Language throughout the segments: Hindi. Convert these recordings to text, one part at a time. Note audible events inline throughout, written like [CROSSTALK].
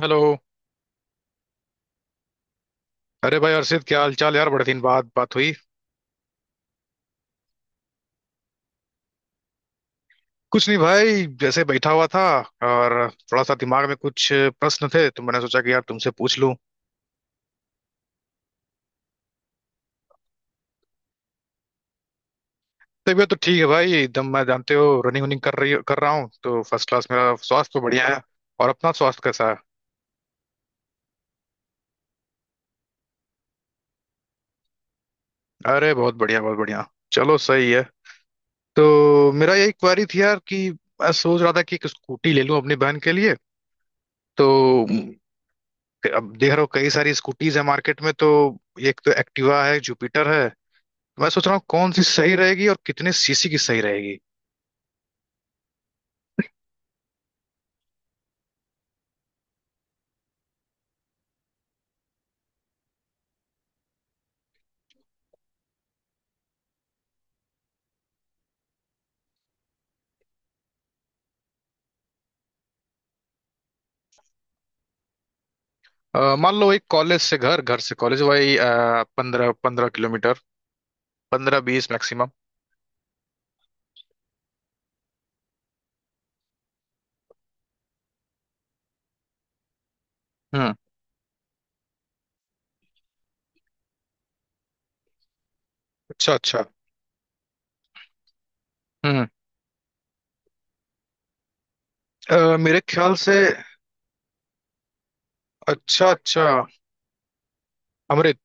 हेलो। अरे भाई अर्षित क्या हाल चाल यार, बड़े दिन बाद बात हुई। कुछ नहीं भाई, जैसे बैठा हुआ था। और थोड़ा सा दिमाग में कुछ प्रश्न थे तो मैंने सोचा कि यार तुमसे पूछ लूं। तबीयत तो ठीक है भाई एकदम। मैं जानते हो रनिंग वनिंग कर रहा हूँ तो फर्स्ट क्लास, मेरा स्वास्थ्य तो बढ़िया है। और अपना स्वास्थ्य कैसा है? अरे बहुत बढ़िया बहुत बढ़िया। चलो सही है। तो मेरा यही क्वारी थी यार कि मैं सोच रहा था कि एक स्कूटी ले लूं अपनी बहन के लिए। तो अब देख रहा हूँ कई सारी स्कूटीज है मार्केट में। तो एक तो एक्टिवा है, जुपिटर है। मैं सोच रहा हूँ कौन सी सही रहेगी और कितने सीसी की सही रहेगी। मान लो एक कॉलेज से घर, घर से कॉलेज, वही 15 15 किलोमीटर, 15 20 मैक्सिमम। हम्म। अच्छा अच्छा। हम्म। मेरे ख्याल से। अच्छा अच्छा। अमृत।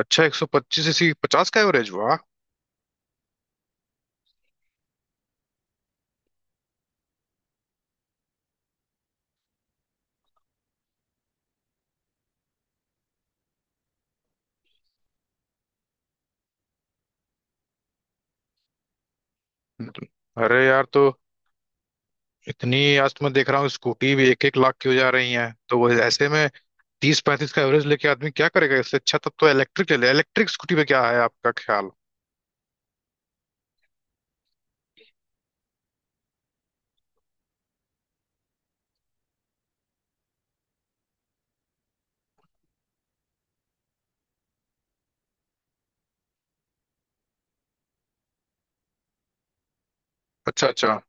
अच्छा, 125 सीसी 50 का एवरेज हुआ। अरे यार, तो इतनी आज तो मैं देख रहा हूँ स्कूटी भी 1 1 लाख की हो जा रही है, तो वो ऐसे में 30 35 का एवरेज लेके आदमी क्या करेगा। इससे अच्छा तब तो इलेक्ट्रिक ले ले। इलेक्ट्रिक स्कूटी पे क्या है आपका ख्याल? अच्छा अच्छा।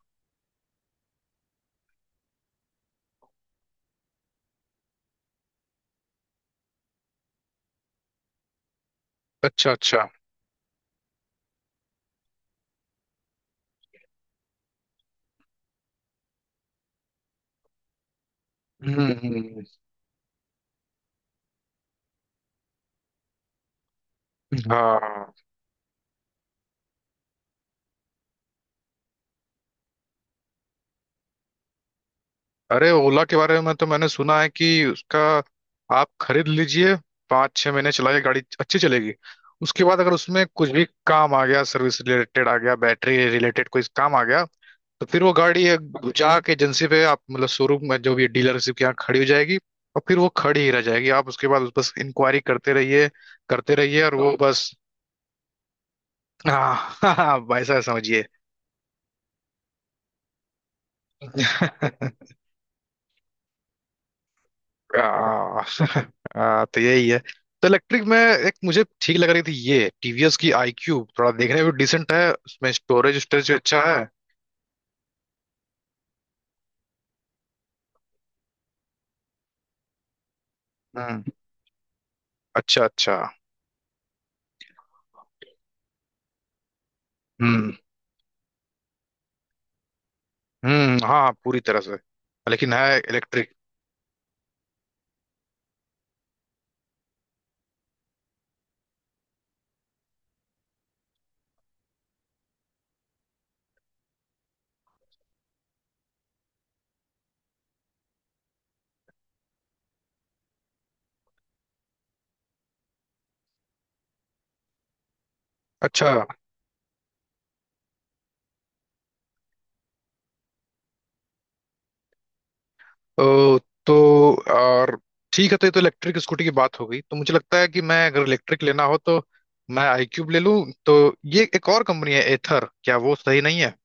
अच्छा अच्छा। हम्म। हाँ। अरे ओला के बारे में तो मैंने सुना है कि उसका आप खरीद लीजिए, 5 6 महीने चलाइए, गाड़ी अच्छी चलेगी। उसके बाद अगर उसमें कुछ भी काम आ गया, सर्विस रिलेटेड आ गया, बैटरी रिलेटेड कोई काम आ गया, तो फिर वो गाड़ी है, जाके एजेंसी पे आप मतलब शोरूम में जो भी डीलरशिप के यहाँ खड़ी हो जाएगी। और फिर वो खड़ी ही रह जाएगी, आप उसके बाद उस बस इंक्वायरी करते रहिए, करते रहिए, और वो बस। हाँ भाई साहब समझिए। [LAUGHS] आ, तो यही है। तो इलेक्ट्रिक में एक मुझे ठीक लग रही थी, ये टीवीएस की आई क्यूब, थोड़ा देखने में भी डिसेंट है, उसमें स्टोरेज स्टोरेज भी अच्छा है। हम्म। अच्छा अच्छा। हम्म हम्म। हाँ पूरी तरह से, लेकिन है इलेक्ट्रिक। अच्छा। ओ, तो और ठीक है, तो ये तो इलेक्ट्रिक स्कूटी की बात हो गई। तो मुझे लगता है कि मैं अगर इलेक्ट्रिक लेना हो तो मैं आई क्यूब ले लूं। तो ये एक और कंपनी है एथर, क्या वो सही नहीं है?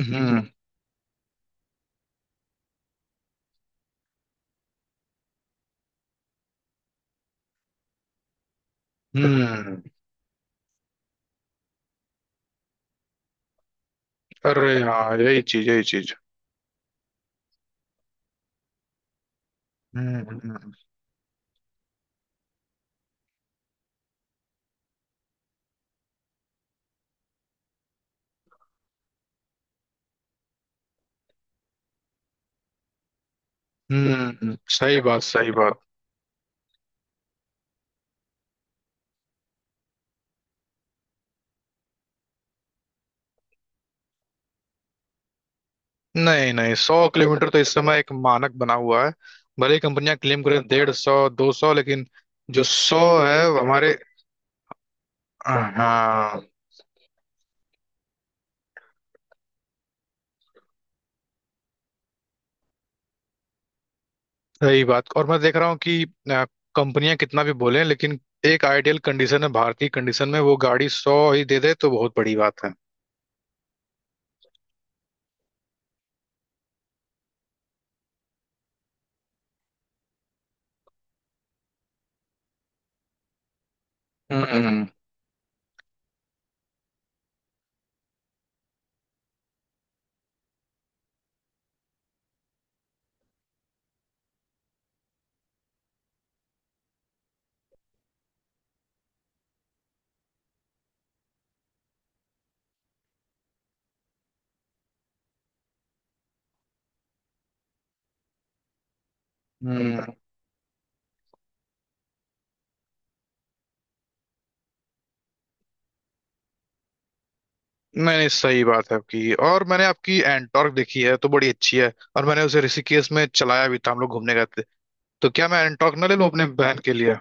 हम्म हम्म। अरे हाँ, यही चीज यही चीज। हम्म हम्म। सही बात सही बात। नहीं नहीं, 100 किलोमीटर तो इस समय एक मानक बना हुआ है, भले ही कंपनियां क्लेम करें 150 200, लेकिन जो सौ है वो हमारे। हाँ, सही बात। और मैं देख रहा हूँ कि अ, कंपनियां कितना भी बोलें, लेकिन एक आइडियल कंडीशन है, भारतीय कंडीशन में वो गाड़ी सौ ही दे दे तो बहुत बड़ी बात है। हम्म हम्म। नहीं नहीं, सही बात है आपकी। और मैंने आपकी एंटॉर्क देखी है तो बड़ी अच्छी है। और मैंने उसे ऋषिकेश में चलाया भी था, हम लोग घूमने गए थे। तो क्या मैं एंटॉर्क ना ले लूं अपने बहन के लिए?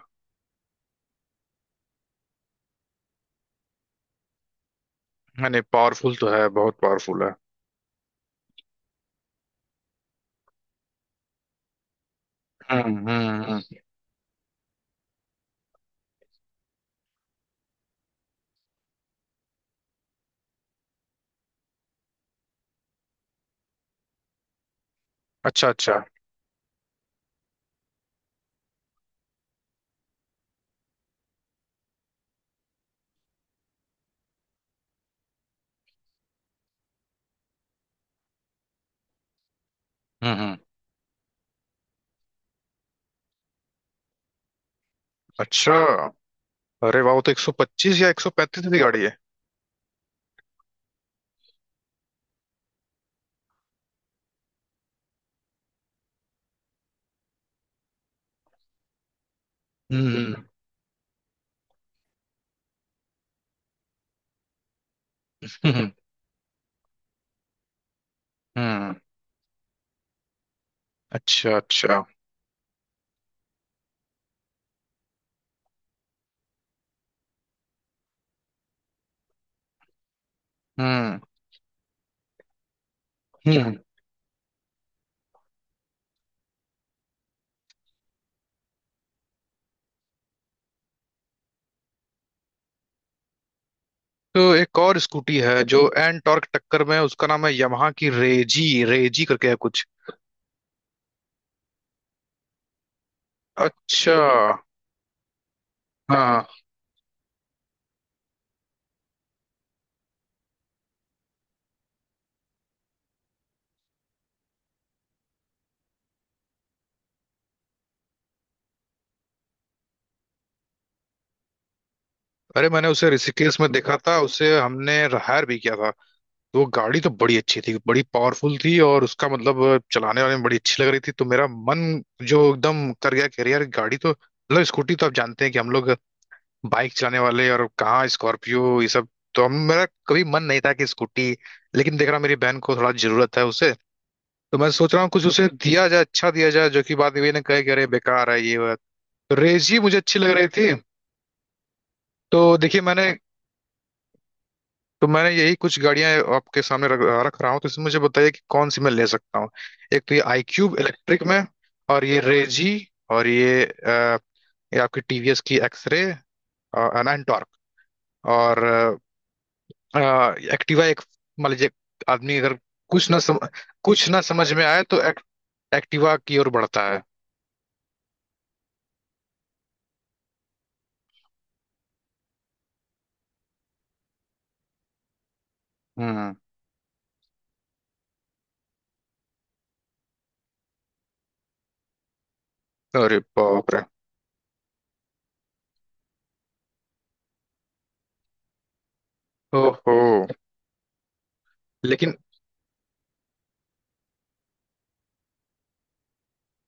मैंने पावरफुल तो है, बहुत पावरफुल है। हम्म। अच्छा अच्छा। हम्म। अच्छा, अरे वाह, वो तो 125 या 135 की गाड़ी है। हम्म हम्म। हम्म। अच्छा अच्छा। हम्म हम्म। तो एक और स्कूटी है जो एन टॉर्क टक्कर में है, उसका नाम है यamaहा की रेजी, रेजी करके है कुछ। अच्छा। हाँ। अरे मैंने उसे ऋषिकेश में देखा था, उसे हमने हायर भी किया था। तो वो गाड़ी तो बड़ी अच्छी थी, बड़ी पावरफुल थी, और उसका मतलब चलाने वाले में बड़ी अच्छी लग रही थी। तो मेरा मन जो एकदम कर गया कि अरे यार गाड़ी तो मतलब स्कूटी, तो आप जानते हैं कि हम लोग बाइक चलाने वाले, और कहाँ स्कॉर्पियो ये सब। तो हम, मेरा कभी मन नहीं था कि स्कूटी, लेकिन देख रहा हूँ मेरी बहन को थोड़ा जरूरत है उसे। तो मैं सोच रहा हूँ कुछ उसे [LAUGHS] दिया जाए, अच्छा दिया जाए, जो कि बाद में ये ना कहे कि अरे बेकार है ये वो है। तो रेस ही मुझे अच्छी लग रही थी। [LAUGHS] तो देखिए मैंने, तो मैंने यही कुछ गाड़ियां आपके सामने रख रहा हूँ। तो इसमें मुझे बताइए कि कौन सी मैं ले सकता हूँ। एक तो ये आई क्यूब इलेक्ट्रिक में, और ये रेजी, और ये ये आपकी टीवीएस की एक्सरे, एंड टॉर्क, और एक्टिवा एक। मान लीजिए आदमी अगर कुछ ना सम, कुछ ना समझ में आए तो एक्टिवा की ओर बढ़ता है। हम्म। अरे बाप रे। ओहो। लेकिन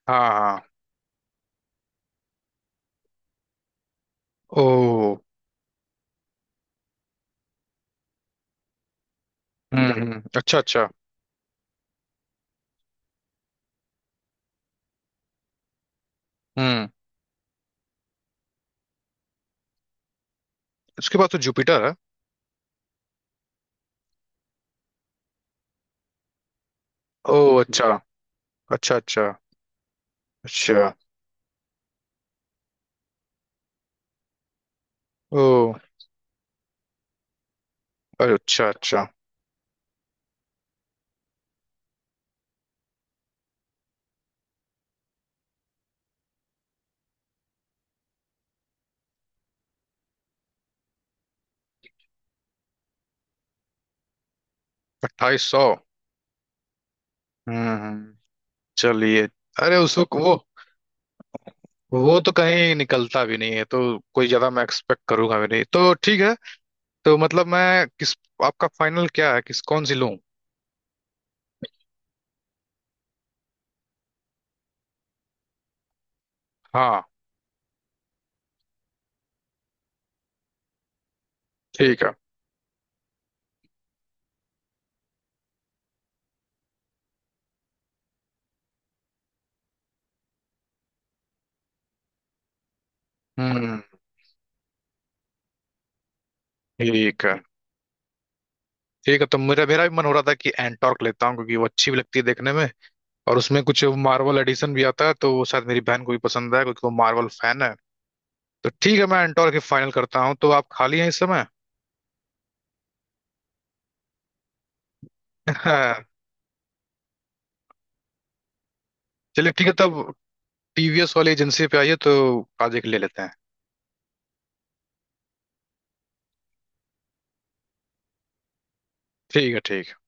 हाँ हाँ। ओ। अच्छा अच्छा। हम्म। उसके बाद तो जुपिटर है। ओ। अच्छा अच्छा। अच्छा अच्छा। ओ। अरे अच्छा अच्छा। 2800। हम्म हम्म, चलिए। अरे उस वक्त वो तो कहीं निकलता भी नहीं है, तो कोई ज्यादा मैं एक्सपेक्ट करूंगा भी नहीं, तो ठीक है। तो मतलब मैं किस, आपका फाइनल क्या है, किस कौन सी लूं? हाँ ठीक है। हम्म। ठीक है ठीक है, तो मेरा मेरा भी मन हो रहा था कि एंटॉर्क लेता हूँ क्योंकि वो अच्छी भी लगती है देखने में। और उसमें कुछ मार्वल एडिशन भी आता है तो वो शायद मेरी बहन को भी पसंद है क्योंकि वो मार्वल फैन है। तो ठीक है मैं एंटॉर्क ही फाइनल करता हूँ। तो आप खाली हैं इस समय? [LAUGHS] चलिए ठीक है तब, टीवीएस वाली एजेंसी पे आइए, तो आज एक ले लेते हैं। ठीक है ठीक है।